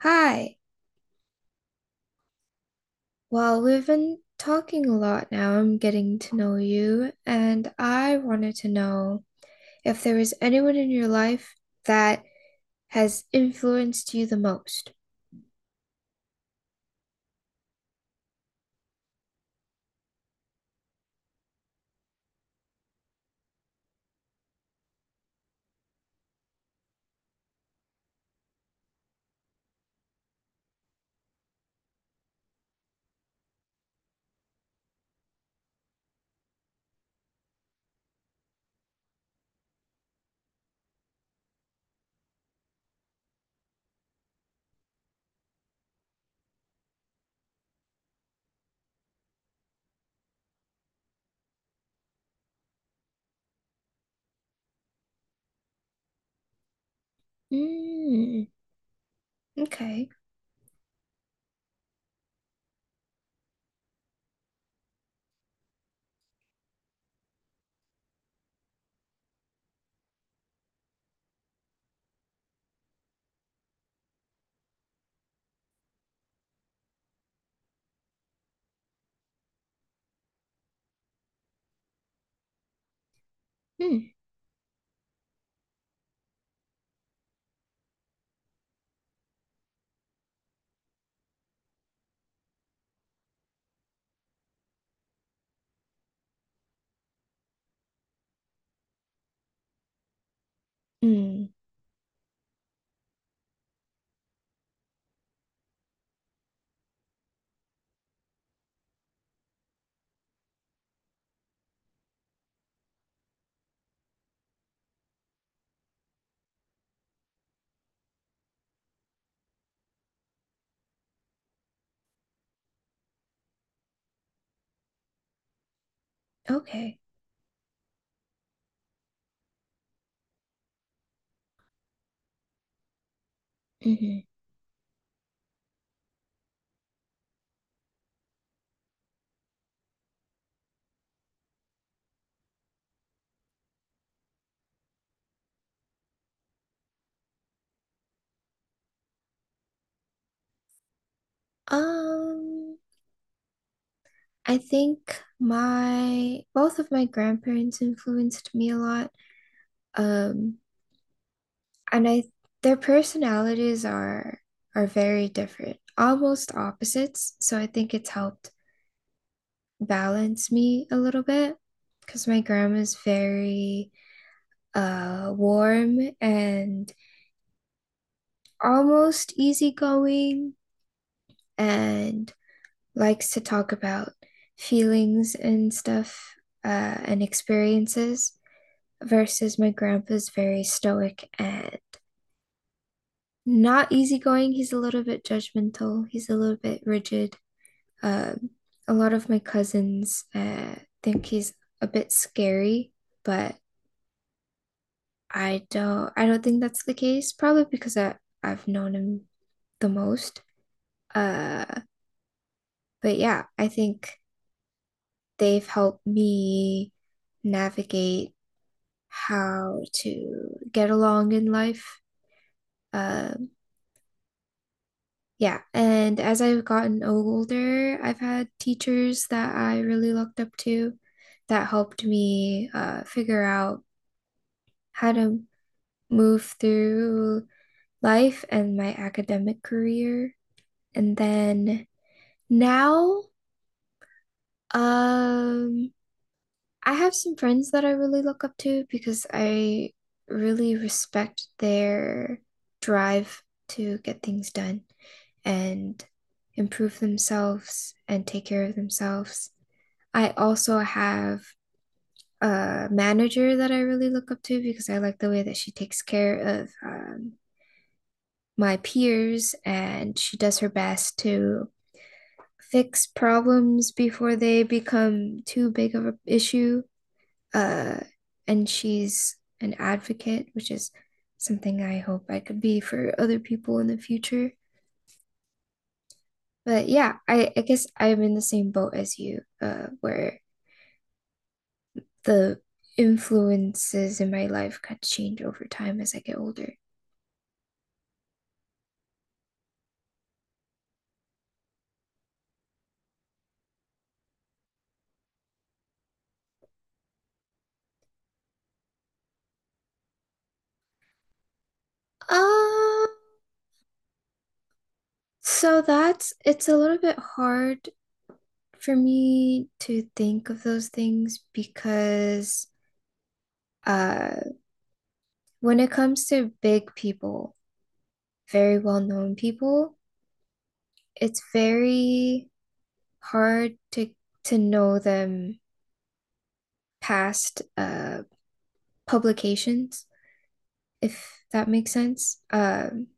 Hi. Well, we've been talking a lot now. I'm getting to know you, and I wanted to know if there was anyone in your life that has influenced you the most. Mm, okay. Hmm. Mm, okay. Hmm. Um, I think my both of my grandparents influenced me a lot. Um, and I their personalities are very different, almost opposites. So I think it's helped balance me a little bit because my grandma's very warm and almost easygoing and likes to talk about feelings and stuff uh, and experiences. Versus my grandpa's very stoic and not easygoing. He's a little bit judgmental, he's a little bit rigid. Um, a lot of my cousins think he's a bit scary, but I don't think that's the case, probably because I, I've known him the most. Uh, but yeah, I think they've helped me navigate how to get along in life. Uh, Yeah, and as I've gotten older, I've had teachers that I really looked up to that helped me figure out how to move through life and my academic career. And then now, um, I have some friends that I really look up to because I really respect their drive to get things done and improve themselves and take care of themselves. I also have a manager that I really look up to because I like the way that she takes care of my peers and she does her best to fix problems before they become too big of an issue. uh, and she's an advocate, which is something I hope I could be for other people in the future. But yeah, I guess I'm in the same boat as you, where the influences in my life could change over time as I get older. Uh, so that's it's a little bit hard for me to think of those things because uh, when it comes to big people, very well known people, it's very hard to know them past publications, if that makes sense.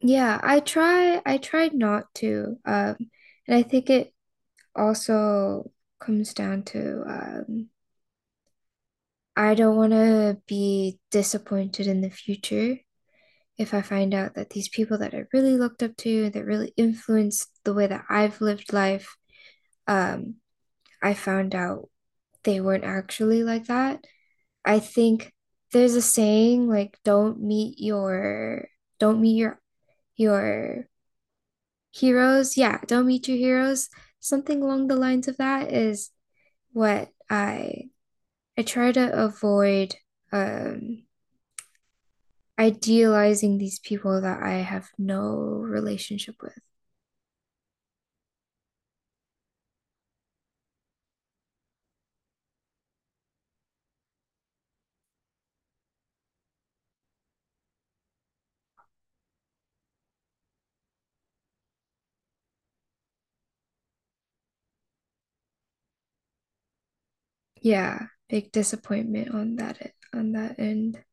Yeah, I tried not to. And I think it also comes down to I don't want to be disappointed in the future if I find out that these people that I really looked up to, that really influenced the way that I've lived life, um, I found out they weren't actually like that. I think there's a saying like don't meet your heroes. Yeah, don't meet your heroes. Something along the lines of that is what I try to avoid um idealizing these people that I have no relationship with. Yeah, big disappointment on that end.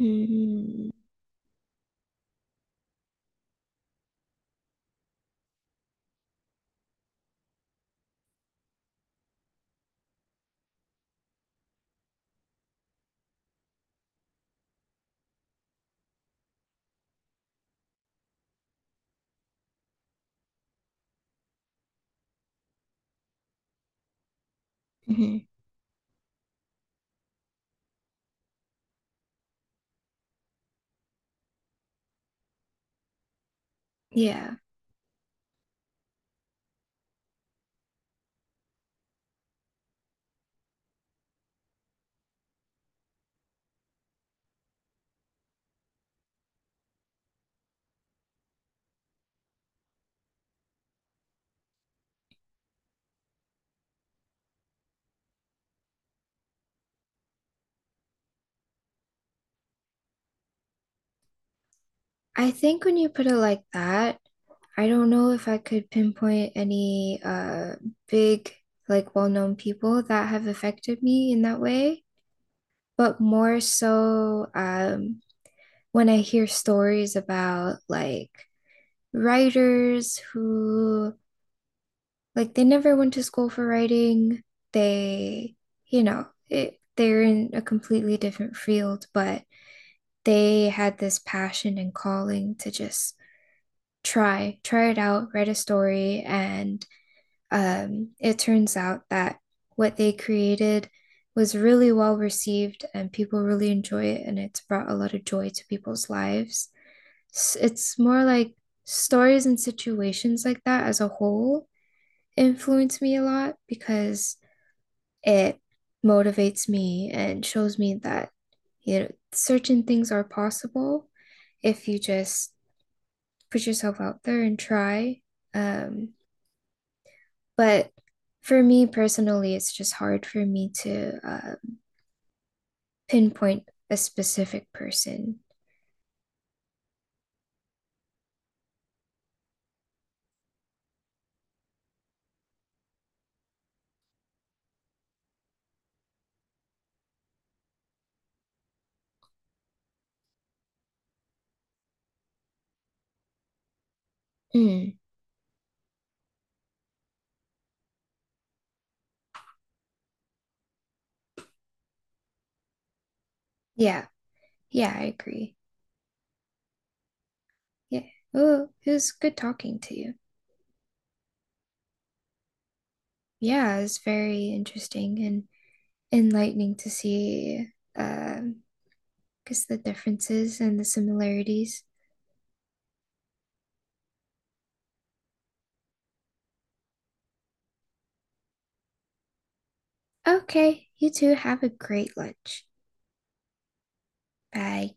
Mm-hmm. Mm-hmm. Yeah. I think when you put it like that, I don't know if I could pinpoint any big like well-known people that have affected me in that way, but more so when I hear stories about like writers who like they never went to school for writing. They, you know, they're in a completely different field, but they had this passion and calling to just try it out, write a story and it turns out that what they created was really well received and people really enjoy it and it's brought a lot of joy to people's lives. It's more like stories and situations like that as a whole influence me a lot because it motivates me and shows me that you know certain things are possible if you just put yourself out there and try. Um, But for me personally, it's just hard for me to pinpoint a specific person. Mm, yeah, yeah, I agree. Yeah. Oh, it was good talking to you. Yeah, it's very interesting and enlightening to see um, because the differences and the similarities. Okay, you two have a great lunch. Bye.